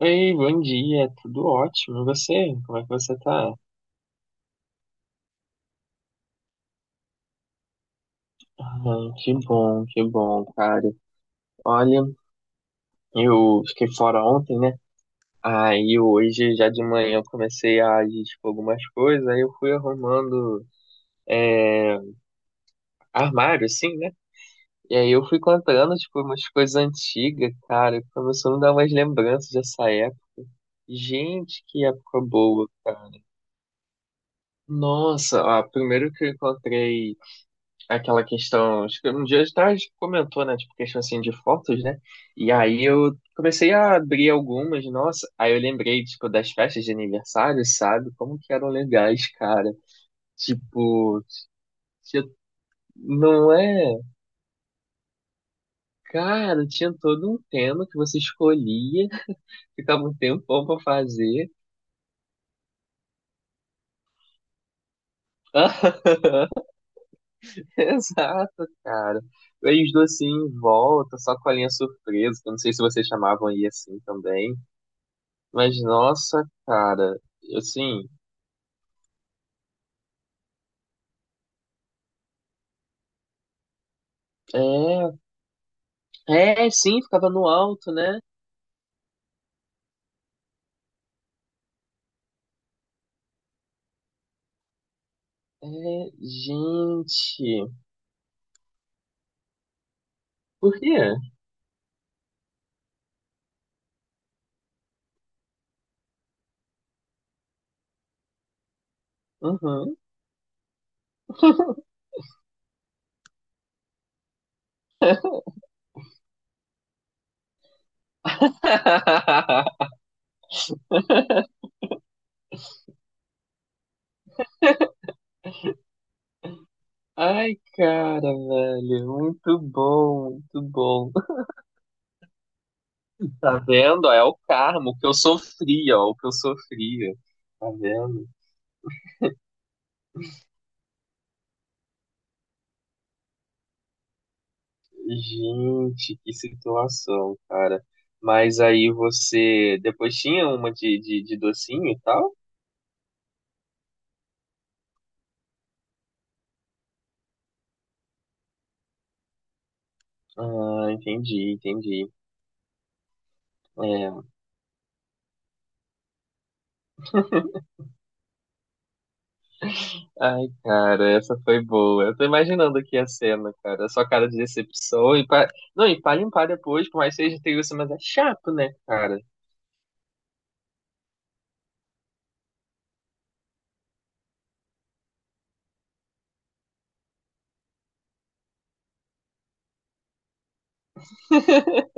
Ei, bom dia, tudo ótimo. E você? Como é que você tá? Ai, que bom, cara. Olha, eu fiquei fora ontem, né? Aí hoje, já de manhã, eu comecei a agir, tipo, algumas coisas, aí eu fui arrumando armário, assim, né? E aí eu fui encontrando, tipo, umas coisas antigas, cara, e começou a me dar umas lembranças dessa época. Gente, que época boa, cara. Nossa, ó, primeiro que eu encontrei. Aquela questão, acho que um dia atrás comentou, né, tipo, questão assim de fotos, né? E aí eu comecei a abrir algumas, nossa, aí eu lembrei, tipo, das festas de aniversário, sabe? Como que eram legais, cara. Tipo, tinha- não é? Cara, tinha todo um tema que você escolhia, ficava um tempão pra fazer. Exato, cara. E aí os docinhos em volta, só com a linha surpresa, que eu não sei se vocês chamavam aí assim também. Mas nossa, cara, assim, é, sim, ficava no alto, né? É, gente, por quê? Uhum. Ai, cara, velho, muito bom, muito bom. Tá vendo? Ó, é o karma, o que eu sofria, ó, o que eu sofria. Tá vendo? Gente, que situação, cara. Mas aí você depois tinha uma de docinho e tal? Ah, entendi, entendi. É. Ai, cara, essa foi boa. Eu tô imaginando aqui a cena, cara. A sua cara de decepção e pa Não, e pra limpar depois, por mais que seja isso, mas é chato, né, cara?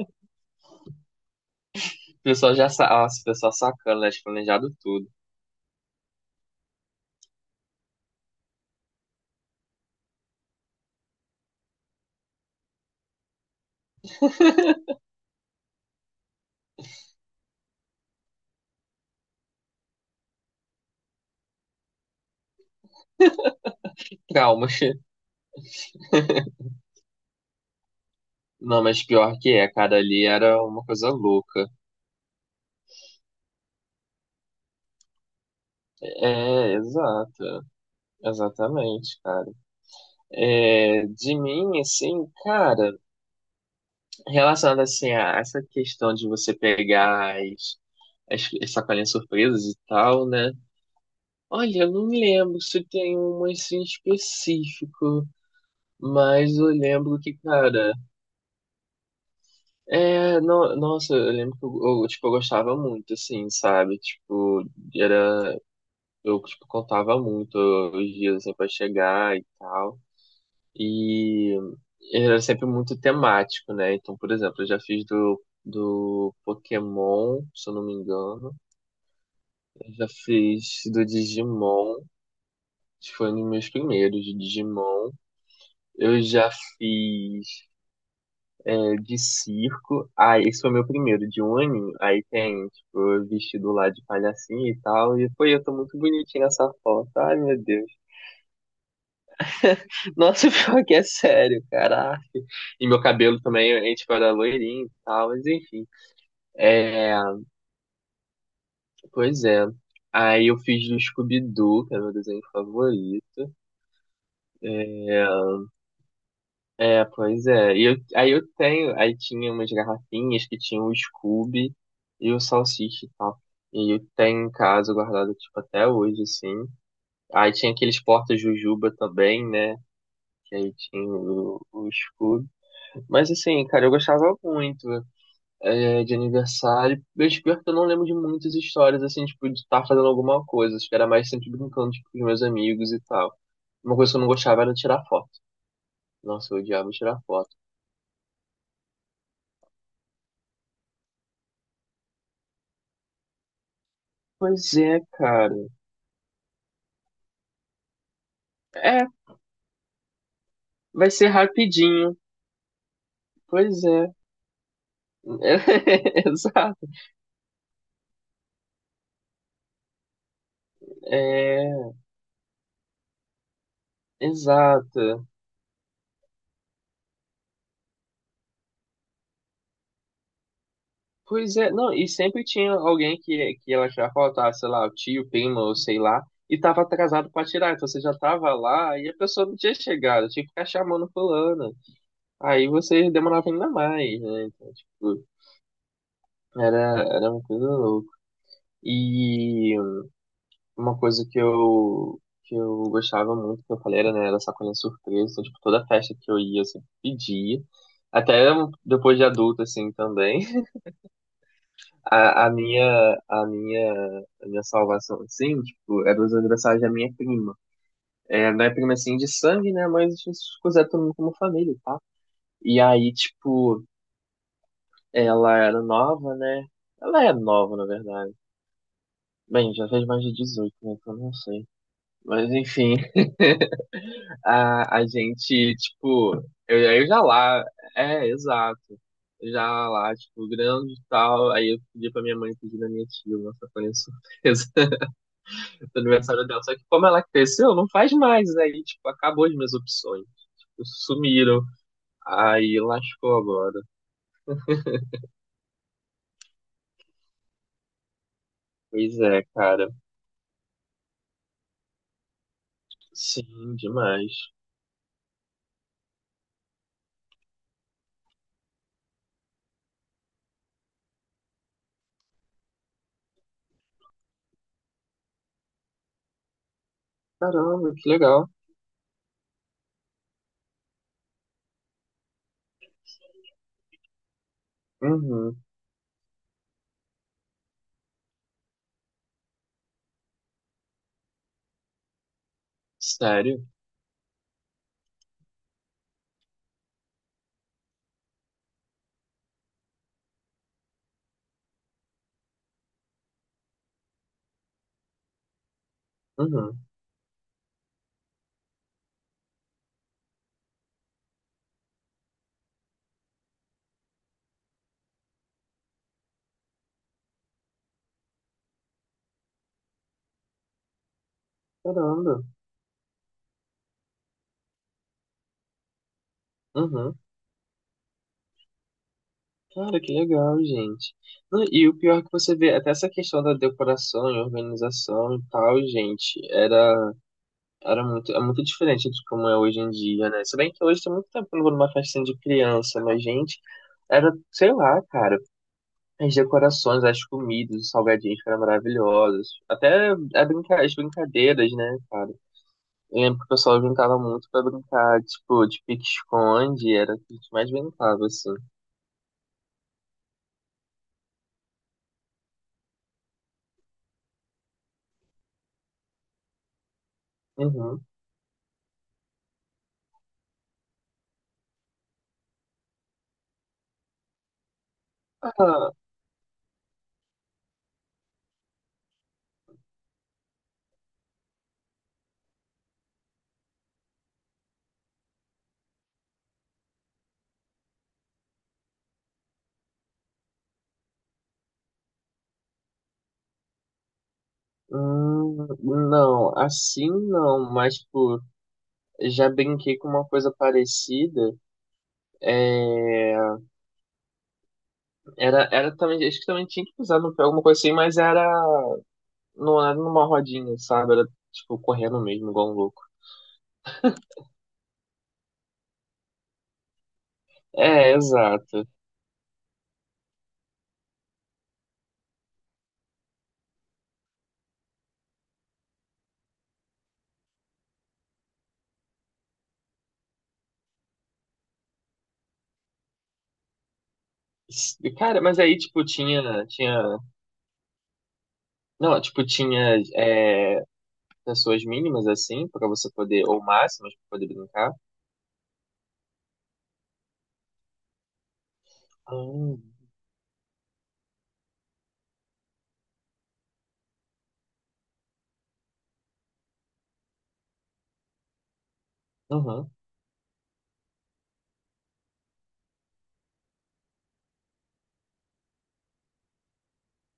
O pessoal Nossa, o pessoal sacana, né? Planejado tudo. Traumas. Não, mas pior que é, cara, ali era uma coisa louca. É, exato. Exatamente, cara. É, de mim, assim, cara, relacionado assim a essa questão de você pegar as sacolinhas surpresas e tal, né? Olha, eu não me lembro se tem uma assim específico, mas eu lembro que, cara, nossa, eu lembro que eu, tipo, eu gostava muito, assim, sabe? Tipo, era, eu, tipo, contava muito os dias, assim, pra chegar e tal, e era sempre muito temático, né? Então, por exemplo, eu já fiz do Pokémon, se eu não me engano, eu já fiz do Digimon, acho que foi um dos meus primeiros de Digimon. Eu já fiz de circo. Ah, esse foi meu primeiro, de um aninho. Aí tem, tipo, vestido lá de palhacinho e tal. E foi, eu tô muito bonitinho nessa foto. Ai, meu Deus. Nossa, pior que é sério, caraca. E meu cabelo também, a gente era loirinho e tal, mas enfim. É, pois é. Aí eu fiz do Scooby-Doo, que é meu desenho favorito. É, pois é. E eu, aí eu tenho, aí tinha umas garrafinhas que tinham o Scooby e o Salsicha e tal. E eu tenho em casa guardado, tipo, até hoje, assim. Aí tinha aqueles porta-jujuba também, né? Que aí tinha o Scooby. Mas assim, cara, eu gostava muito de aniversário. Mas pior que eu não lembro de muitas histórias, assim, tipo, de estar fazendo alguma coisa. Acho que era mais sempre brincando, tipo, com os meus amigos e tal. Uma coisa que eu não gostava era tirar foto. Nossa, eu odiava tirar foto. Pois é, cara. É, vai ser rapidinho. Pois é. Exato. É, exato. Pois é, não, e sempre tinha alguém que ela já faltava, sei lá, o tio, primo, ou sei lá, e tava atrasado pra tirar. Então você já tava lá e a pessoa não tinha chegado, tinha que ficar chamando fulano. Aí você demorava ainda mais, né? Então, tipo, era, era uma coisa louca. E uma coisa que eu gostava muito, que eu falei, era, né, era sacolinha surpresa. Então, tipo, toda festa que eu ia, eu sempre pedia. Até depois de adulto, assim, também. A, a minha, a minha, a minha salvação, assim, tipo, era os aniversários da minha prima. É, não é prima, assim, de sangue, né, mas a gente se considera todo mundo como família, tá? E aí, tipo, ela era nova, né? Ela é nova, na verdade. Bem, já fez mais de 18, né, então não sei. Mas, enfim. A gente, tipo, eu já lá, é, exato. Já lá, tipo, grande e tal. Aí eu pedi pra minha mãe pedir na minha tia uma sacolinha surpresa do aniversário dela. Só que como ela cresceu, não faz mais. Aí, tipo, acabou as minhas opções. Tipo, sumiram. Aí lascou agora. Pois é, cara. Sim, demais. Caramba, que legal. Uhum. Sério? Uhum. Caramba. Uhum. Cara, que legal, gente. Não, e o pior é que você vê, até essa questão da decoração e organização e tal, gente, era, era muito, é muito diferente de como é hoje em dia, né? Se bem que hoje tem muito tempo que eu não vou numa festinha de criança, mas, gente, era, sei lá, cara, as decorações, as comidas, os salgadinhos que eram maravilhosos. Até as brincadeiras, né, cara? Eu lembro que o pessoal brincava muito pra brincar, tipo, de pique-esconde, era o que a gente mais brincava, assim. Uhum. Ah, Hum, não, assim não, mas por já brinquei com uma coisa parecida. É, era também, acho que também tinha que pisar no pé, alguma coisa assim, mas era, não era numa rodinha, sabe? Era tipo correndo mesmo, igual um louco. É, exato. Cara, mas aí tipo tinha, não, tipo tinha pessoas mínimas assim, pra você poder, ou máximas pra poder brincar. Hum, uhum.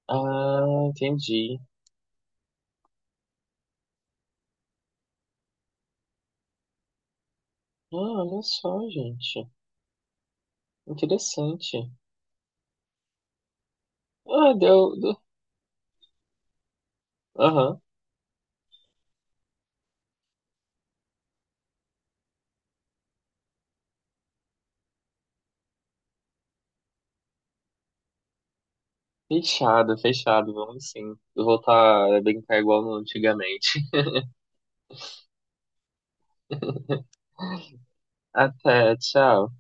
Ah, entendi. Ah, olha só, gente. Interessante. Ah, deu. Aham. Fechado, fechado. Vamos sim. Eu vou voltar a brincar igual no antigamente. Até, tchau.